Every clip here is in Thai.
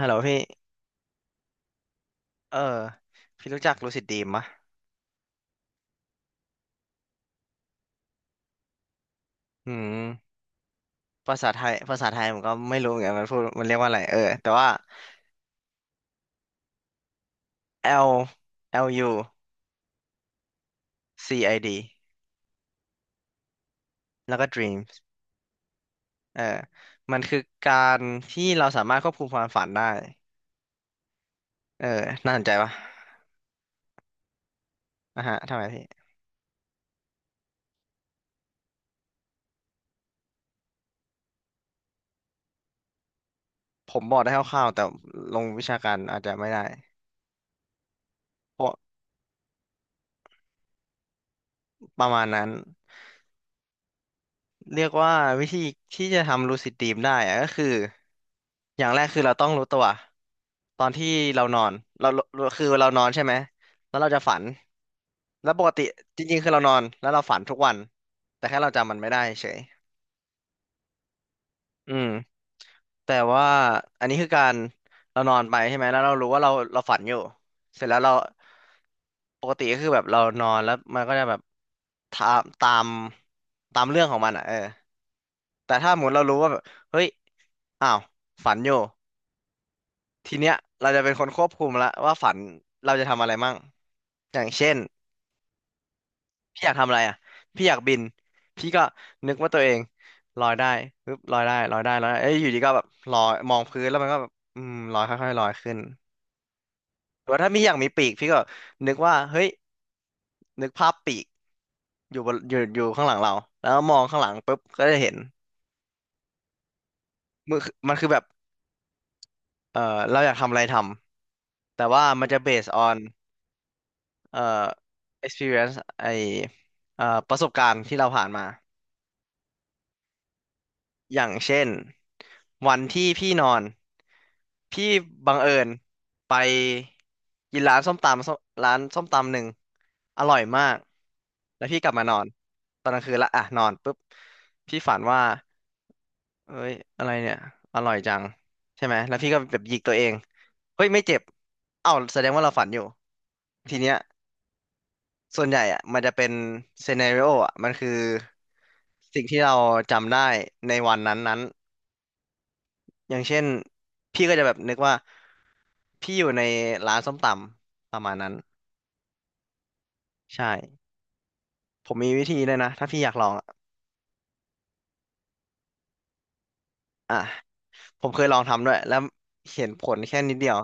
ฮัลโหลพี่เออพี่รู้จักลูซิดดรีมปะอืมภาษาไทยผมก็ไม่รู้เหมือนกันมันพูดมันเรียกว่าอะไรเออแต่ว่า L L U C I D แล้วก็ Dreams เออมันคือการที่เราสามารถควบคุมความฝันได้เออน่าสนใจปะอ่ะฮะทำไมพี่ผมบอกได้คร่าวๆแต่ลงวิชาการอาจจะไม่ได้เพราะประมาณนั้น เรียกว่าวิธีที่จะทำลูซิดดรีมได้อะก็คืออย่างแรกคือเราต้องรู้ตัวตอนที่เรานอนเราเราคือเรานอนใช่ไหมแล้วเราจะฝันแล้วปกติจริงๆคือเรานอนแล้วเราฝันทุกวันแต่แค่เราจำมันไม่ได้เฉยอืมแต่ว่าอันนี้คือการเรานอนไปใช่ไหมแล้วเรารู้ว่าเราฝันอยู่เสร็จแล้วเราปกติก็คือแบบเรานอนแล้วมันก็จะแบบตามตามตามเรื่องของมันอ่ะเออ แต่ถ้าหมดเรารู้ว่าแบบเฮ้ยอ้าวฝันอยู่ทีเนี้ยเราจะเป็นคนควบคุมละว่าฝันเราจะทำอะไรมั่งอย่างเช่นพี่อยากทำอะไรอ่ะพี่อยากบินพี่ก็นึกว่าตัวเองลอยได้ปึ๊บลอยได้ลอยได้ลอยได้เอ้ยอยู่ดีก็แบบลอยมองพื้นแล้วมันก็แบบอืมลอยค่อยๆลอยขึ้นหรือว่าถ้าพี่อยากมีปีกพี่ก็นึกว่าเฮ้ยนึกภาพปีกอยู่บนอยู่อยู่ข้างหลังเราแล้วมองข้างหลังปุ๊บก็จะเห็นมือมันคือแบบเออเราอยากทำอะไรทำแต่ว่ามันจะ based on เอ่อ experience ไอประสบการณ์ที่เราผ่านมาอย่างเช่นวันที่พี่นอนพี่บังเอิญไปกินร้านส้มตำหนึ่งอร่อยมากแล้วพี่กลับมานอนตอนกลางคืนละอ่ะนอนปุ๊บพี่ฝันว่าเอ้ยอะไรเนี่ยอร่อยจังใช่ไหมแล้วพี่ก็แบบหยิกตัวเองเฮ้ยไม่เจ็บเอ้าแสดงว่าเราฝันอยู่ทีเนี้ย ส่วนใหญ่อะมันจะเป็นซีนาริโออะมันคือสิ่งที่เราจำได้ในวันนั้นๆอย่างเช่นพี่ก็จะแบบนึกว่าพี่อยู่ในร้านส้มตำประมาณนั้นใช่ผมมีวิธีเลยนะถ้าพี่อยากลองอะอ่ะผมเคยลองทำด้วยแล้วเห็นผลแค่นิดเดียว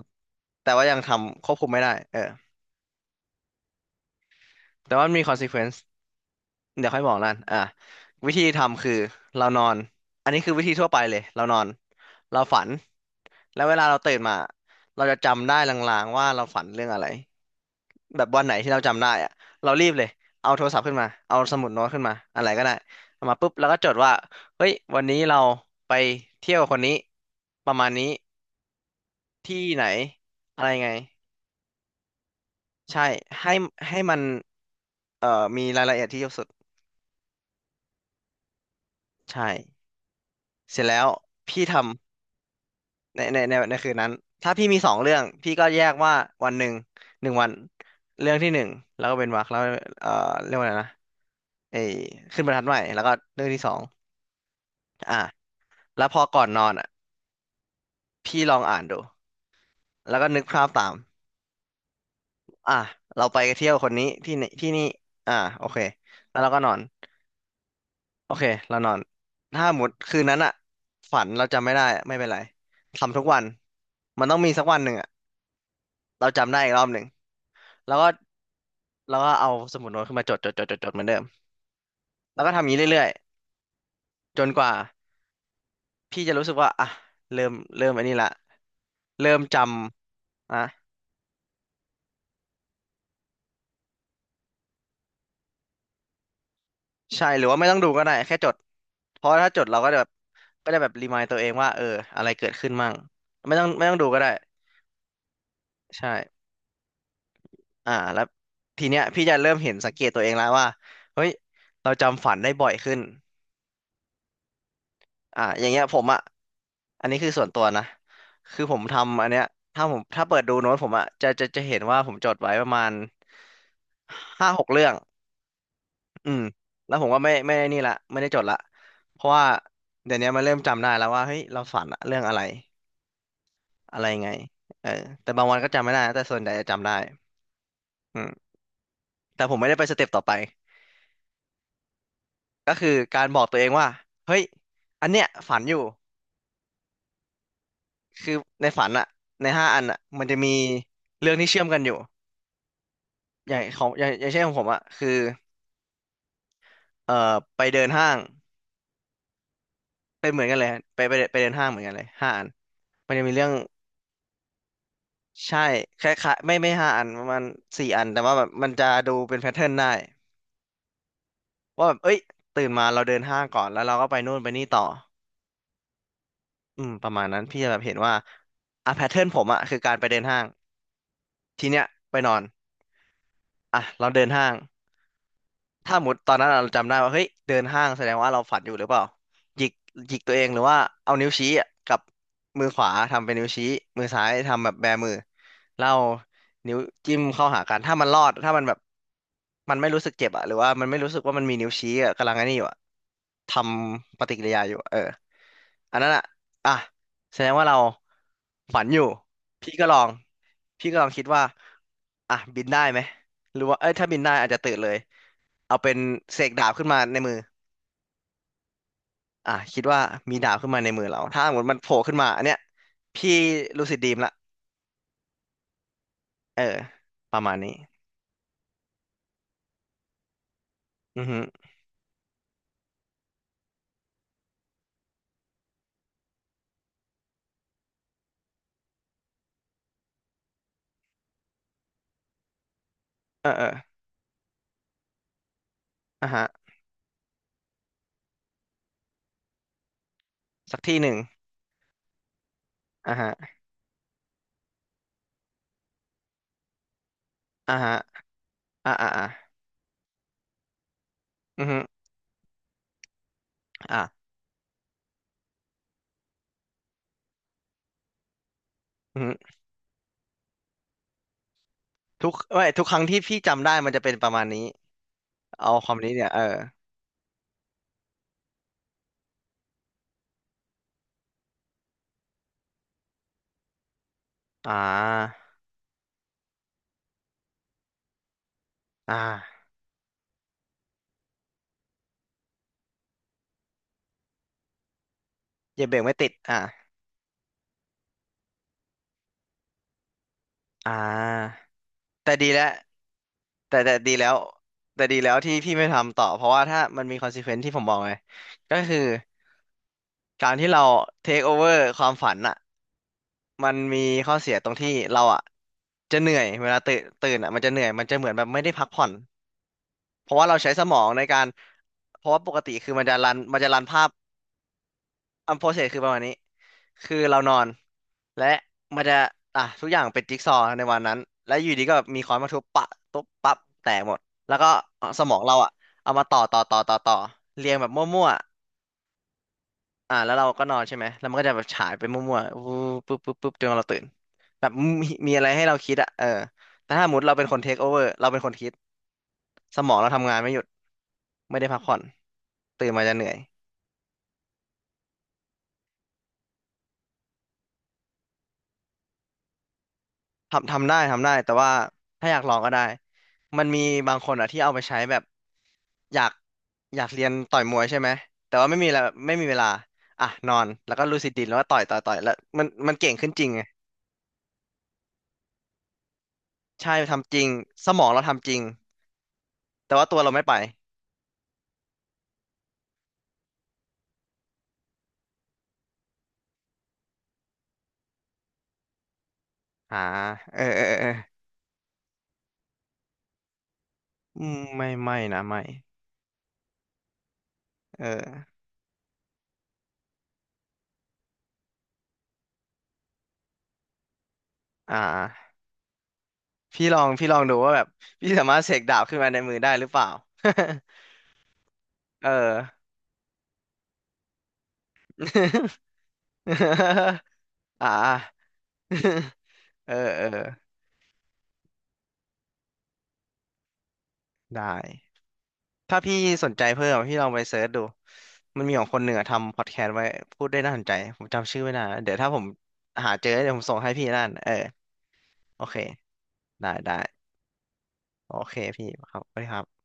แต่ว่ายังทำควบคุมไม่ได้เออแต่ว่ามันมี consequence เดี๋ยวค่อยบอกนั่นอ่ะวิธีทำคือเรานอน อันนี้คือวิธีทั่วไปเลยเรานอนเราฝัน แล้วเวลาเราตื่นมาเราจะจำได้ลางๆว่าเราฝันเรื่องอะไรแบบวันไหนที่เราจำได้อะเรารีบเลยเอาโทรศัพท์ขึ้นมาเอาสมุดโน้ตขึ้นมาอะไรก็ได้เอามาปุ๊บแล้วก็จดว่าเฮ้ย วันนี้เราไปเที่ยวกับคนนี้ประมาณนี้ที่ไหน อะไรไงใช่ให้ให้มันมีรายละเอียดที่เยอะสุดใช่เสร็จแล้วพี่ทำ ในคืนนั้นถ้าพี่มีสองเรื่องพี่ก็แยกว่าวันหนึ่งหนึ่งวันเรื่องที่หนึ่งแล้วก็เป็นวรรคแล้วเอ่อเรียกว่าอะไรนะไอ้ขึ้นบรรทัดใหม่แล้วก็เรื่องที่สองอ่ะแล้วพอก่อนนอนอ่ะพี่ลองอ่านดูแล้วก็นึกภาพตามอ่ะเราไปเที่ยวคนนี้ที่นี่ที่นี่อ่ะโอเคแล้วเราก็นอนโอเคเรานอนถ้าหมดคืนนั้นอ่ะฝันเราจำไม่ได้ไม่เป็นไรทำทุกวันมันต้องมีสักวันหนึ่งอ่ะเราจำได้อีกรอบหนึ่ง แล้วก็เอาสมุดโน้ตขึ้นมาจดจดจดจดจดเหมือนเดิมแล้วก็ทำอย่างนี้เรื่อยๆจนกว่าพี่จะรู้สึกว่าอ่ะเริ่มอันนี้ละเริ่มจำอ่ะใช่หรือว่าไม่ต้องดูก็ได้แค่จดเพราะถ้าจดเราก็จะแบบรีมายตัวเองว่าเอออะไรเกิดขึ้นมั่งไม่ต้องดูก็ได้ใช่อ่าแล้วทีเนี้ยพี่จะเริ่มเห็นสังเกตตัวเองแล้วว่าเฮ้ยเราจำฝันได้บ่อยขึ้น อ่ะอย่างเงี้ยผมอ่ะอันนี้คือส่วนตัวนะคือผมทำอันเนี้ยถ้าเปิดดูโน้ตผมอ่ะจะเห็นว่าผมจดไว้ประมาณห้าหกเรื่องอืมแล้วผมก็ไม่ได้จดละเพราะว่าเดี๋ยวนี้มันเริ่มจำได้แล้วว่าเฮ้ยเราฝันอะเรื่องอะไรอะไรยังไงเออแต่บางวันก็จำไม่ได้นะแต่ส่วนใหญ่จะจำได้อืมแต่ผมไม่ได้ไปสเต็ปต่อไปก็คือการบอกตัวเองว่าเฮ้ยอันเนี้ยฝันอยู่คือในฝันอะในห้าอันอะมันจะมีเรื่องที่เชื่อมกันอยู่ อย่างของอย่างเช่นของผมอะคือเอ่อไปเดินห้างเป็นเหมือนกันเลยไปเดินห้างเหมือนกันเลยห้าอันมันจะมีเรื่องใช่คล้ายๆไม่ห้าอันประมาณสี่อันแต่ว่าแบบมันจะดูเป็นแพทเทิร์นได้ว่าแบบเอ้ยตื่นมาเราเดินห้างก่อนแล้วเราก็ไปนู่นไปนี่ต่ออืมประมาณนั้นพี่จะแบบเห็นว่าอ่ะแพทเทิร์นผมอะคือการไปเดินห้างทีเนี้ยไปนอนอ่ะเราเดินห้าง ถ้าหมดตอนนั้นเราจำได้ว่าเฮ้ยเดินห้างแสดงว่าเราฝันอยู่หรือเปล่าหยิกหยิกตัวเองหรือว่าเอานิ้วชี้อะกับมือขวาทำเป็นนิ้วชี้มือซ้ายทำแบบแบมือแล้วเอานิ้วจิ้มเข้าหากันถ้ามันรอดถ้ามันแบบมันไม่รู้สึกเจ็บอะหรือว่ามันไม่รู้สึกว่ามันมีนิ้วชี้อะกำลังไอ้นี่อยู่อะทำปฏิกิริยาอยู่อะเออ อันนั้นอ่ะอ่ะแสดงว่าเราฝันอยู่พี่ก็ลองพี่ก็ลองคิดว่าอ่ะบินได้ไหมหรือว่าเอ้ยถ้าบินได้อาจจะตื่นเลยเอาเป็นเสกดาบขึ้นมาในมืออ่ะคิดว่ามีดาบขึ้นมาในมือเราถ้าสมมติมันโผล่ขึ้นมาอันเนี้ยพี่รูสิดดีมละเออประมาณนี้อือฮึเออเอออ่ะฮะสักที่หนึ่งอ่ะฮะอ่ะฮะอ่ะอือฮึอ่ะอือฮึทุกไม่ทุกครั้งที่พี่จำได้มันจะเป็นประมาณนี้เอาความนี้เนี่ยเอออ่า อ่าเหยียบเบรกไม่ติดอ่าอ่าแต่ดีแล้วแต่ดีแล้วแต่ดีแล้วที่พี่ไม่ทำต่อเพราะว่าถ้ามันมีคอนซ e เควน e ที่ผมบอกไงก็คือการที่เราเทคโอเวอร์ความฝันอ่ะมันมีข้อเสียตรงที่เราอ่ะจะเหนื่อยเวลาตื่นตื่นอ่ะมันจะเหนื่อยมันจะเหมือนแบบไม่ได้พักผ่อนเพราะว่าเราใช้สมองในการเพราะว่าปกติคือมันจะรันภาพ อัมโพเซสคือประมาณนี้คือเรานอนและมันจะอ่ะทุกอย่างเป็นจิ๊กซอว์ในวันนั้นและอยู่ดีก็แบบมีค้อนมาทุบปะตุ๊บปั๊บแตกหมดแล้วก็สมองเราอ่ะเอามาต่อเรียงแบบมั่วๆอ่ะแล้วเราก็นอนใช่ไหมแล้วมันก็จะแบบฉายไปมั่วๆวูบปุ๊บจนเราตื่นแบบมีอะไรให้เราคิดอ่ะเออแต่ถ้าสมมติเราเป็นคนเทคโอเวอร์เราเป็นคนคิดสมองเราทำงานไม่หยุดไม่ได้พักผ่อนตื่นมาจะเหนื่อย ทำได้ทำได้แต่ว่าถ้าอยากลองก็ได้มันมีบางคนอะที่เอาไปใช้แบบอยากอยากเรียนต่อยมวยใช่ไหมแต่ว่าไม่มีแล้วไม่มีเวลาอ่ะนอนแล้วก็ลูซิดดรีมแล้วก็ต่อยแล้วมันเก่งขึ้นจริงไงใช่ทำจริงสมองเราทำจริงแต่ว่าตัวเราไม่ไปอ่าเออเออเออไม่ไม่นะไม่เอออ่าพี่ลองพี่ลองดูว่าแบบพี่สามารถเสกดาบขึ้นมาในมือได้หรือเปล่า เออ อ่า เออเออได้ถ้าพี่สนใจเพิ่มพี่ลองไปเซิร์ชดูมันมีของคนเหนือทำพอดแคสต์ไว้พูดได้น่าสนใจผมจำชื่อไม่ได้นะเดี๋ยวถ้าผมหาเจอเดี๋ยวผมส่งให้พี่นั่นเออโอเคได้ได้โอเคพี่ครับสวัสดีครับ